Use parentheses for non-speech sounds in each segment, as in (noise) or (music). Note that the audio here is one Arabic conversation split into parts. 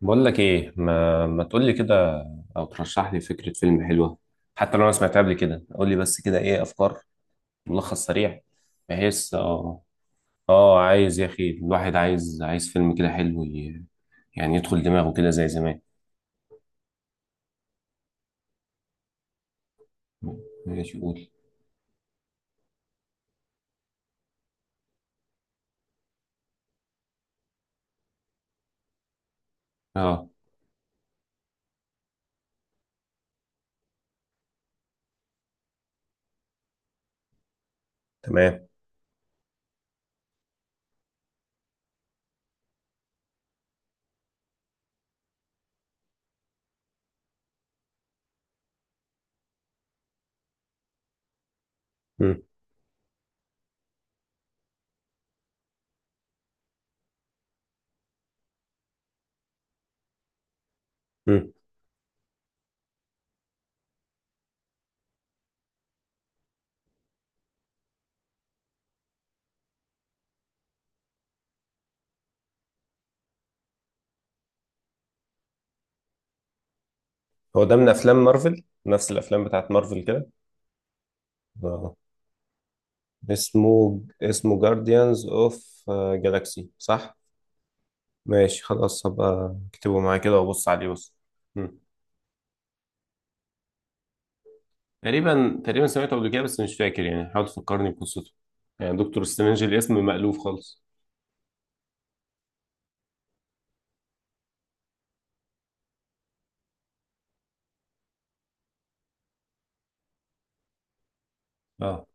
بقول لك ايه، ما تقول لي كده، او ترشح لي فكره فيلم حلوه. حتى لو انا سمعتها قبل كده قول لي بس كده ايه افكار، ملخص سريع. بحيث اه عايز يا اخي، الواحد عايز فيلم كده حلو يعني يدخل دماغه كده زي زمان. ماشي قول. اه تمام. مم. مم. هو ده من افلام مارفل، نفس الافلام بتاعت مارفل كده؟ اه. اسمه جارديانز اوف جالاكسي صح؟ ماشي خلاص هبقى اكتبه معايا كده وابص عليه بس. تقريبا سمعته قبل كده بس مش فاكر، يعني حاول تفكرني بقصته. يعني دكتور سترينج الاسم مألوف خالص. اه.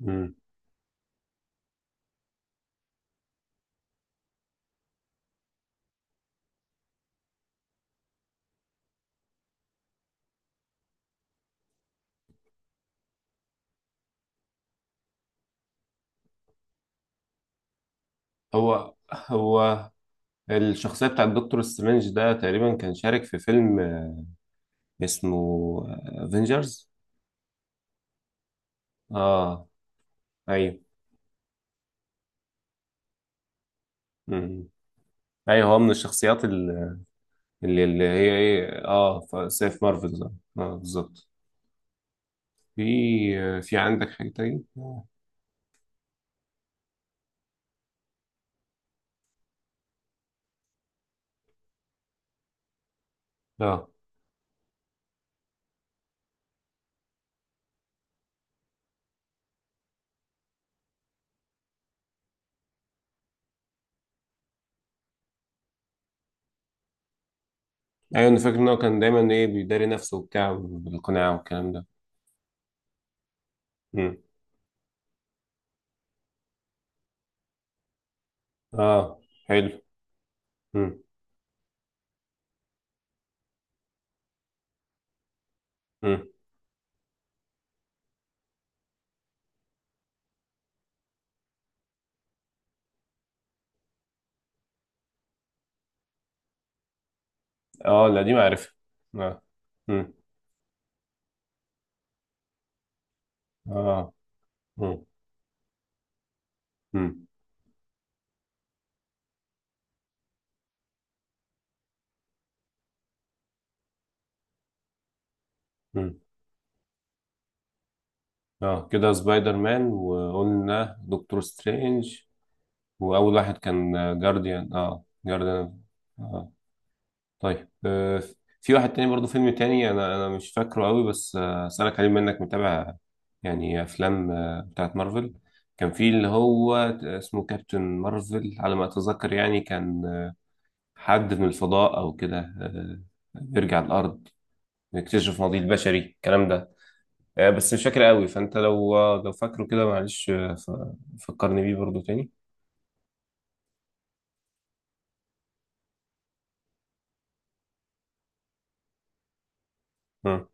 مم. هو الشخصية بتاعت دكتور سترينج ده تقريبا كان شارك في فيلم اسمه افنجرز. اه. ايوه. مم. ايوه هو من الشخصيات اللي هي ايه، اه سيف مارفل، اه. بالظبط. في في عندك حاجة تاني؟ اه ايوه انا فاكر ان هو كان دايما ايه بيداري نفسه وبتاع بالقناع والكلام ده. اه حلو. مم. مم. اه لا دي معرفة. اه. مم. اه. مم. مم. مم. اه كده سبايدر مان وقلنا دكتور سترينج، واول واحد كان جارديان، اه جارديان. اه طيب. آه. في واحد تاني برضو، فيلم تاني انا مش فاكره قوي بس اسالك عليه، منك متابع. يعني افلام بتاعت مارفل، كان في اللي هو اسمه كابتن مارفل على ما اتذكر، يعني كان حد من الفضاء او كده، بيرجع الارض يكتشف ماضي البشري الكلام ده. بس مش فاكر قوي، فانت لو لو فاكره كده معلش فكرني بيه برضو تاني. مم.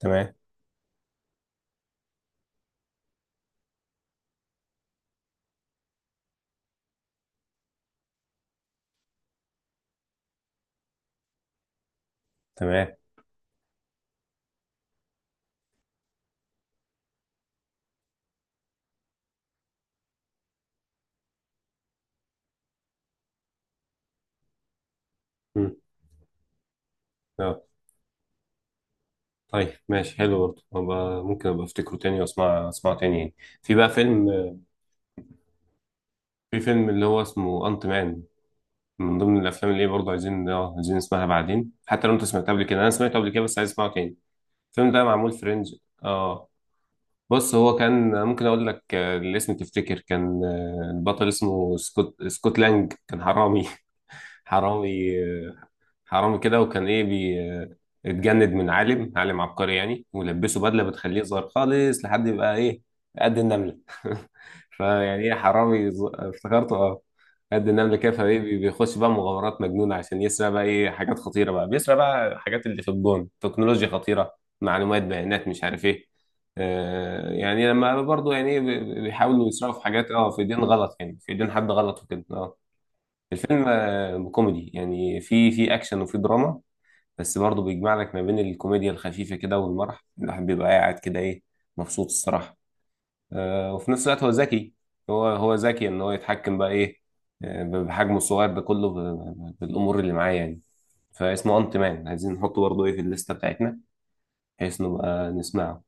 تمام تمام. مم. آه. طيب ماشي، حلو برضه. ممكن ابقى افتكره تاني واسمع، اسمعه تاني يعني. في بقى فيلم آه، في فيلم اللي هو اسمه انت مان، من ضمن الافلام اللي هي برضه عايزين، عايزين نسمعها بعدين حتى لو انت سمعتها قبل كده، انا سمعته قبل كده بس عايز اسمعه تاني. الفيلم ده معمول في رينج. اه. بص هو كان ممكن اقول لك الاسم تفتكر كان البطل اسمه سكوت لانج. كان حرامي. (laughs) حرامي كده، وكان ايه بي اتجند من عالم عبقري يعني، ولبسه بدله بتخليه صغير خالص لحد يبقى ايه قد النمله. (laughs) فيعني ايه حرامي افتكرته اه. قد النمله كده، فايه بيخش بقى مغامرات مجنونه عشان يسرق بقى ايه حاجات خطيره، بقى بيسرق بقى الحاجات اللي في الجون، تكنولوجيا خطيره، معلومات، بيانات، مش عارف ايه. يعني لما برضه يعني إيه بيحاولوا يسرقوا في حاجات، اه في ايدين غلط، يعني في ايدين حد غلط وكده اه. الفيلم كوميدي يعني، في اكشن وفي دراما، بس برضه بيجمع لك ما بين الكوميديا الخفيفه كده والمرح، الواحد بيبقى قاعد كده ايه مبسوط الصراحه. وفي نفس الوقت هو ذكي. هو ذكي ان هو يتحكم بقى ايه بحجمه الصغير ده كله بالامور اللي معاه يعني. فاسمه انت مان، عايزين نحطه برضه ايه في الليسته بتاعتنا بحيث نبقى نسمعه.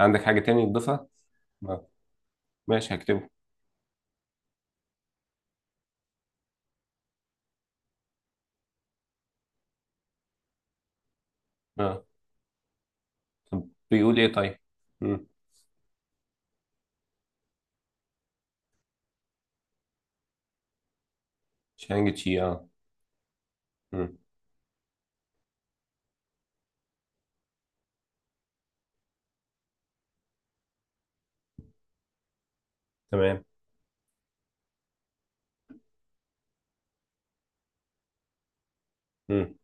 عندك حاجه تانية تضيفها؟ آه، ماشي هكتبه. اه بيقول ايه طيب. مم. شانج تشي اه. مم. تمام. مم.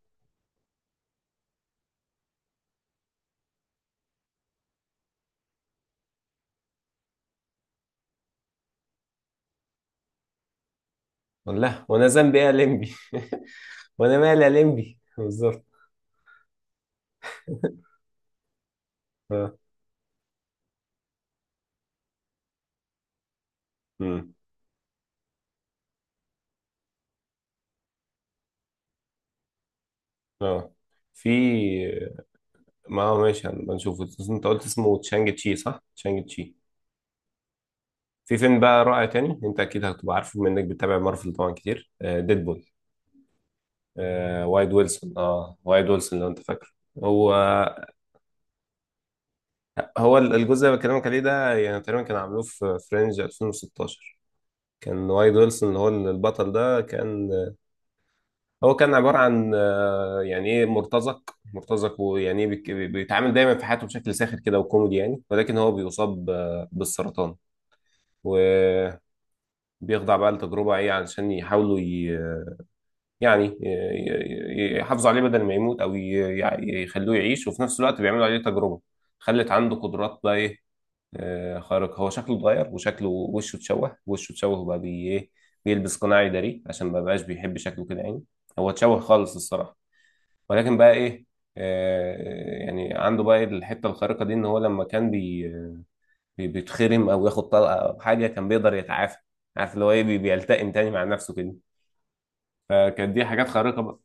والله وانا ذنبي ايه يا لمبي؟ (laughs) وانا مالي يا لمبي، بالظبط. اه. امم. اه. في. ما هو ماشي هنبقى نشوفه، بس انت قلت اسمه تشانج تشي صح؟ تشانج تشي. في فيلم بقى رائع تاني، انت اكيد هتبقى عارفه بما انك بتتابع مارفل طبعا كتير، آه، ديدبول. وايد ويلسون لو انت فاكره. هو هو الجزء اللي بكلمك عليه ده يعني تقريبا كان عاملوه في فرنج 2016. كان وايد ويلسون اللي هو البطل ده كان، هو كان عبارة عن يعني ايه مرتزق، مرتزق ويعني ايه بيتعامل دايما في حياته بشكل ساخر كده وكوميدي يعني، ولكن هو بيصاب بالسرطان، وبيخضع بقى لتجربة ايه علشان يحاولوا يحافظوا عليه بدل ما يموت، او يخلوه يعيش، وفي نفس الوقت بيعملوا عليه تجربة خلت عنده قدرات بقى ايه خارقة. هو شكله اتغير، وشكله، وشه اتشوه، وبقى ايه بيلبس قناع يداريه عشان ما بقاش بيحب شكله كده يعني، هو اتشوه خالص الصراحة. ولكن بقى ايه آه، يعني عنده بقى إيه الحته الخارقه دي، ان هو لما كان بيتخرم او ياخد طلقه او حاجه كان بيقدر يتعافى، عارف اللي هو ايه بيلتئم تاني مع نفسه كده. فكانت دي حاجات خارقه بقى.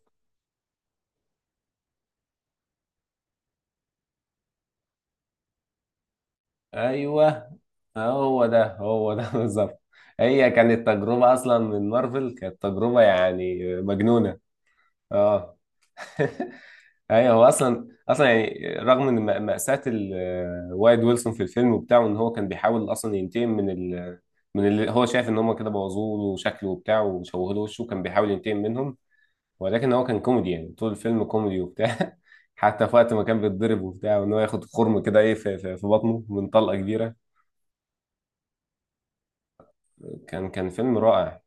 ايوه، هو ده (laughs) بالظبط. هي كانت تجربه اصلا من مارفل، كانت تجربه يعني مجنونه. اه. (laughs) ايوه هو اصلا اصلا يعني رغم من مأساة وايد ويلسون في الفيلم وبتاعه، ان هو كان بيحاول اصلا ينتقم من من اللي هو شايف ان هم كده بوظوه له شكله وبتاع، وشوهوا له وشه، كان بيحاول ينتقم منهم. ولكن هو كان كوميدي يعني، طول الفيلم كوميدي وبتاع، (laughs) حتى في وقت ما كان بيتضرب وبتاع، وان هو ياخد خرم كده ايه في, بطنه من طلقة كبيرة. كان فيلم رائع،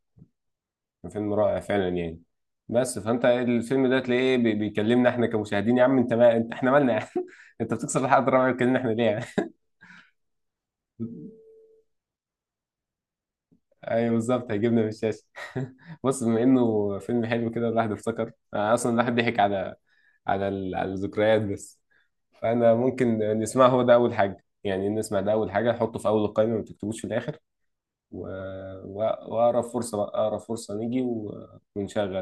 كان فيلم رائع فعلا يعني. بس فانت الفيلم ده تلاقيه بيكلمنا احنا كمشاهدين، يا عم انت ما انت احنا مالنا، (laughs) انت بتكسر الحلقه الرابعه بتكلمنا احنا ليه؟ ايوه بالظبط هيجيبنا من الشاشه. (laughs) بص، بما انه فيلم حلو كده، الواحد افتكر، أنا اصلا الواحد ضحك على على الذكريات بس. فانا ممكن نسمعه، هو ده اول حاجه، يعني نسمع ده اول حاجه نحطه في اول القائمه، ما تكتبوش في الاخر. و... و... واقرب فرصه بقى، اقرب فرصه نيجي و... ونشغل.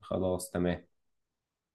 خلاص تمام.